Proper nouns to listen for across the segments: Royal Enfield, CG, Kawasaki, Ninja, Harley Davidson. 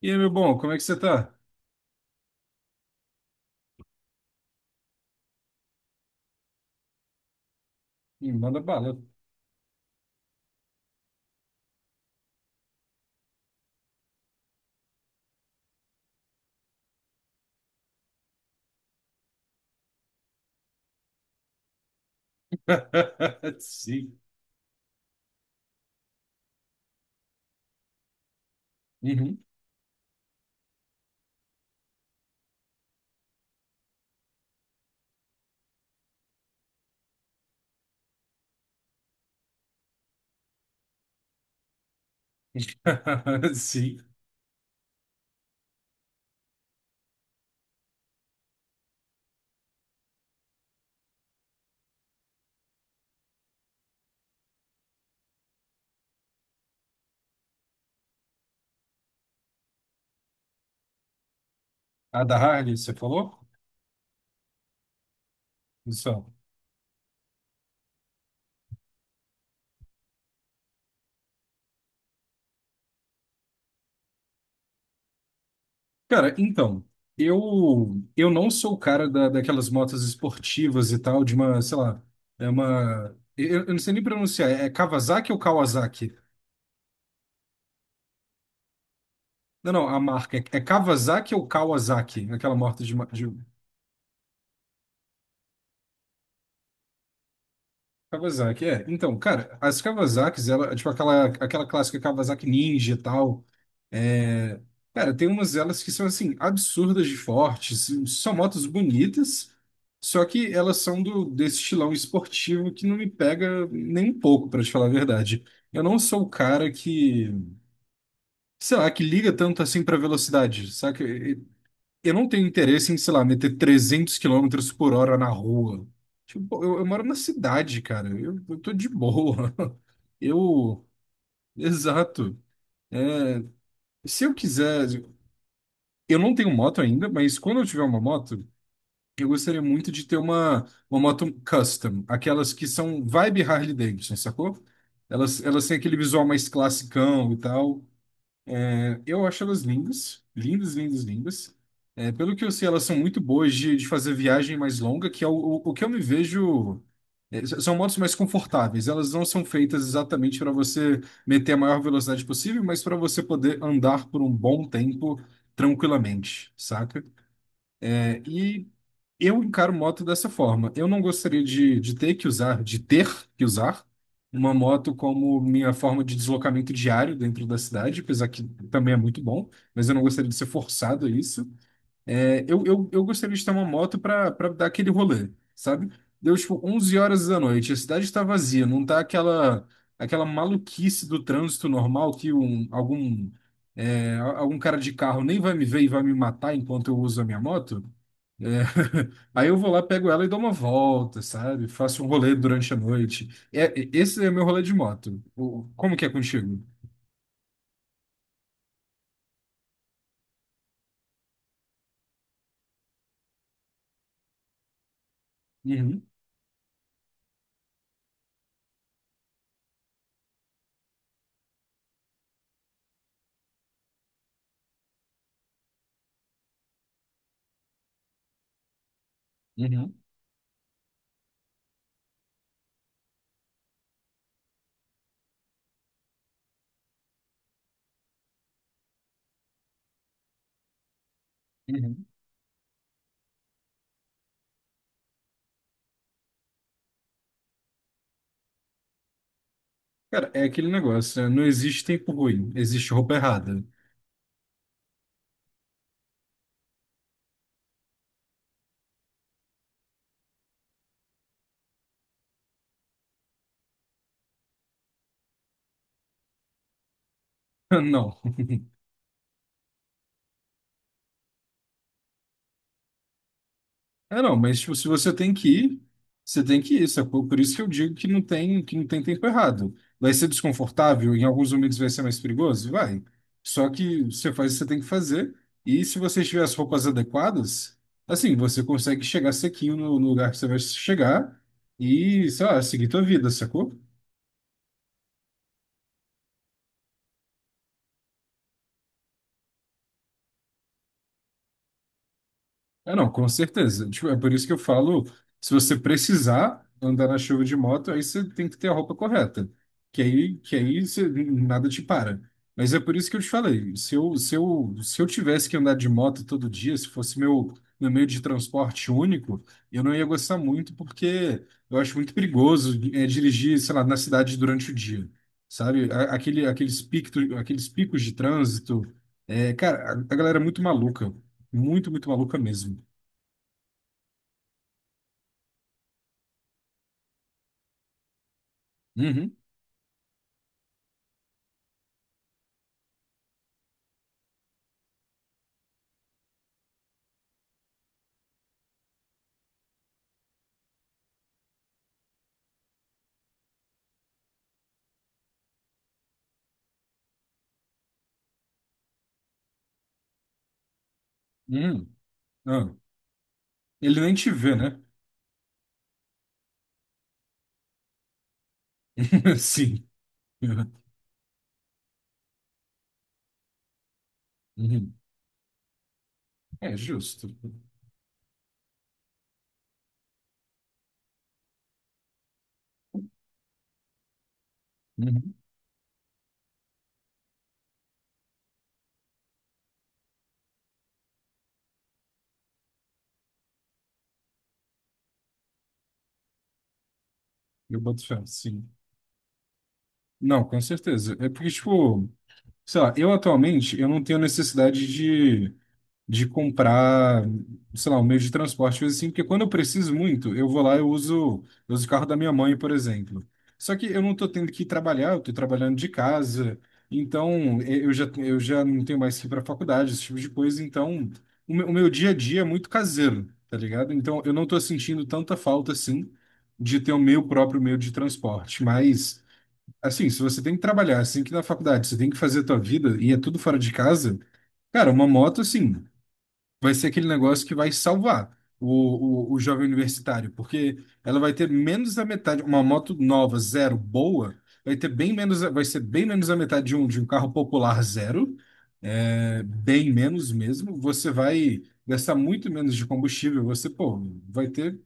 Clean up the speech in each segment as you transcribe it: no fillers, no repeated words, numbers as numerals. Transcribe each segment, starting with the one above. E aí, meu bom, como é que você tá? Ih, manda bala. Sim. Uhum. Sim. A da Harley, você falou? Isso. Cara, então, eu não sou o cara da, daquelas motos esportivas e tal, de uma, sei lá, é uma. Eu não sei nem pronunciar, é Kawasaki ou Kawasaki? Não, não, a marca é, é Kawasaki ou Kawasaki? Aquela moto de, de. Kawasaki, é. Então, cara, as Kawasakis, ela, tipo aquela, aquela clássica Kawasaki Ninja e tal. Cara, tem umas delas que são assim, absurdas de fortes, são motos bonitas, só que elas são do desse estilão esportivo que não me pega nem um pouco, pra te falar a verdade. Eu não sou o cara que, sei lá, que liga tanto assim pra velocidade, saca? E- Eu não tenho interesse em, sei lá, meter 300 quilômetros por hora na rua. Tipo, pô, eu moro na cidade, cara, eu tô de boa. Eu, exato. Se eu quiser, eu não tenho moto ainda, mas quando eu tiver uma moto, eu gostaria muito de ter uma moto custom, aquelas que são vibe Harley Davidson, sacou? Elas têm aquele visual mais classicão e tal. É, eu acho elas lindas, lindas, lindas, lindas. É, pelo que eu sei, elas são muito boas de fazer viagem mais longa, que é o que eu me vejo. É, são motos mais confortáveis. Elas não são feitas exatamente para você meter a maior velocidade possível, mas para você poder andar por um bom tempo tranquilamente, saca? É, e eu encaro moto dessa forma. Eu não gostaria de ter que usar, de ter que usar uma moto como minha forma de deslocamento diário dentro da cidade, apesar que também é muito bom, mas eu não gostaria de ser forçado a isso. É, eu gostaria de ter uma moto para dar aquele rolê, sabe? Deu tipo 11 horas da noite, a cidade está vazia, não tá aquela aquela maluquice do trânsito normal que um, algum é, algum cara de carro nem vai me ver e vai me matar enquanto eu uso a minha moto. É, aí eu vou lá, pego ela e dou uma volta, sabe? Faço um rolê durante a noite. É, esse é meu rolê de moto. O- Como que é contigo? Uhum, uhum, uhum. Cara, é aquele negócio, né? Não existe tempo ruim, existe roupa errada. Não. É, não, mas tipo, se você tem que ir, você tem que ir, sacou? Por isso que eu digo que não tem tempo errado. Vai ser desconfortável, em alguns momentos vai ser mais perigoso? Vai. Só que você faz o que você tem que fazer, e se você tiver as roupas adequadas, assim, você consegue chegar sequinho no, no lugar que você vai chegar e, sei lá, seguir tua vida, sacou? Ah, não, com certeza. Tipo, é por isso que eu falo, se você precisar andar na chuva de moto, aí você tem que ter a roupa correta, que aí você- nada te para. Mas é por isso que eu te falei, se eu tivesse que andar de moto todo dia, se fosse meu, meu meio de transporte único, eu não ia gostar muito, porque eu acho muito perigoso é, dirigir, sei lá, na cidade durante o dia, sabe? A- Aquele, aqueles picos de trânsito, é, cara, a galera é muito maluca, muito, muito maluca mesmo. Uhum, uhum, ah. Ele nem te vê, né? Sim. Uhum. É justo. Uhum. Eu boto fé, sim. Não, com certeza. É porque, tipo, sei lá, eu atualmente eu não tenho necessidade de comprar, sei lá, um meio de transporte, coisa assim, porque quando eu preciso muito, eu vou lá, eu uso o carro da minha mãe, por exemplo. Só que eu não estou tendo que ir trabalhar, eu estou trabalhando de casa, então eh, eu já não tenho mais que ir para a faculdade, esse tipo de coisa, então o meu dia a dia é muito caseiro, tá ligado? Então eu não estou sentindo tanta falta assim de ter o meu próprio meio de transporte, mas. Assim, se você tem que trabalhar, assim que na faculdade, você tem que fazer a tua vida e é tudo fora de casa, cara, uma moto, assim, vai ser aquele negócio que vai salvar o jovem universitário, porque ela vai ter menos da metade, uma moto nova, zero, boa, vai ter bem menos, vai ser bem menos da metade de um carro popular zero, é, bem menos mesmo. Você vai gastar muito menos de combustível, você, pô, vai ter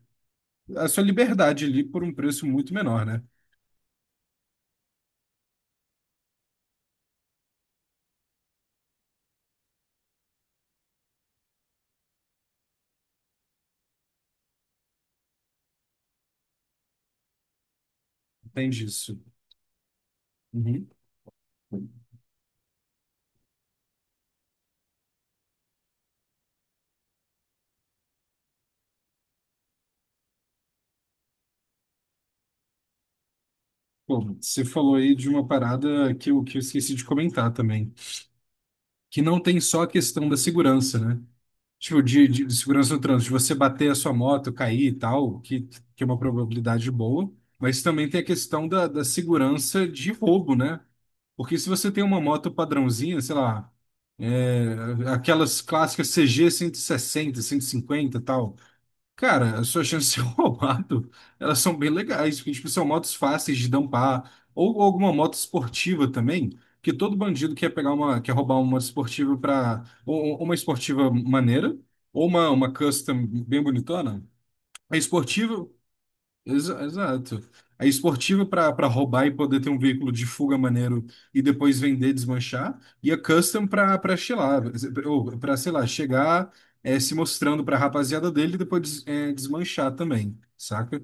a sua liberdade ali por um preço muito menor, né? Entende isso. Uhum. Pô, você falou aí de uma parada que eu esqueci de comentar também, que não tem só a questão da segurança, né? Tipo, de segurança no trânsito, de você bater a sua moto, cair e tal, que é uma probabilidade boa, mas também tem a questão da, da segurança de roubo, né? Porque se você tem uma moto padrãozinha, sei lá, é, aquelas clássicas CG 160, 150 e sessenta, cento e cinquenta e tal, cara, as suas chances de ser roubado, elas são bem legais, porque, tipo, são motos fáceis de dampar, ou alguma moto esportiva também, que todo bandido quer pegar uma, quer roubar uma esportiva para ou uma esportiva maneira, ou uma custom bem bonitona. É esportiva, Exa- Exato. A esportiva para roubar e poder ter um veículo de fuga maneiro e depois vender, desmanchar, e a custom para chilar, ou para, sei lá, chegar é, se mostrando para a rapaziada dele e depois é, desmanchar também, saca?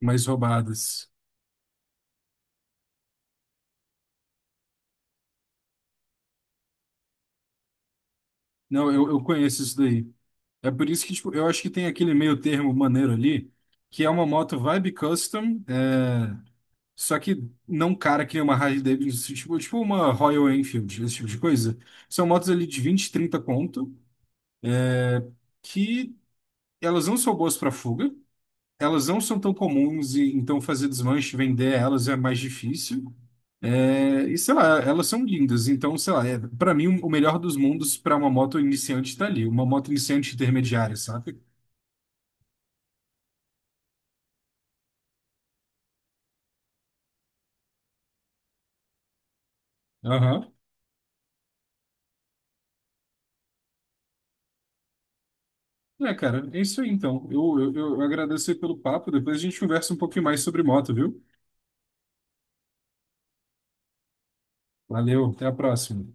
Mais roubadas. Não, eu conheço isso daí. É por isso que tipo, eu acho que tem aquele meio termo maneiro ali, que é uma moto vibe custom, é, só que não um cara que nem uma Harley Davidson, tipo, tipo uma Royal Enfield, esse tipo de coisa. São motos ali de 20, 30 conto, que elas não são boas para fuga, elas não são tão comuns, e então fazer desmanche, vender elas é mais difícil. É, e sei lá, elas são lindas, então sei lá, é, para mim o melhor dos mundos para uma moto iniciante tá ali, uma moto iniciante intermediária, sabe? Aham. É, cara, é isso aí então. Eu agradeço aí pelo papo, depois a gente conversa um pouquinho mais sobre moto, viu? Valeu, até a próxima.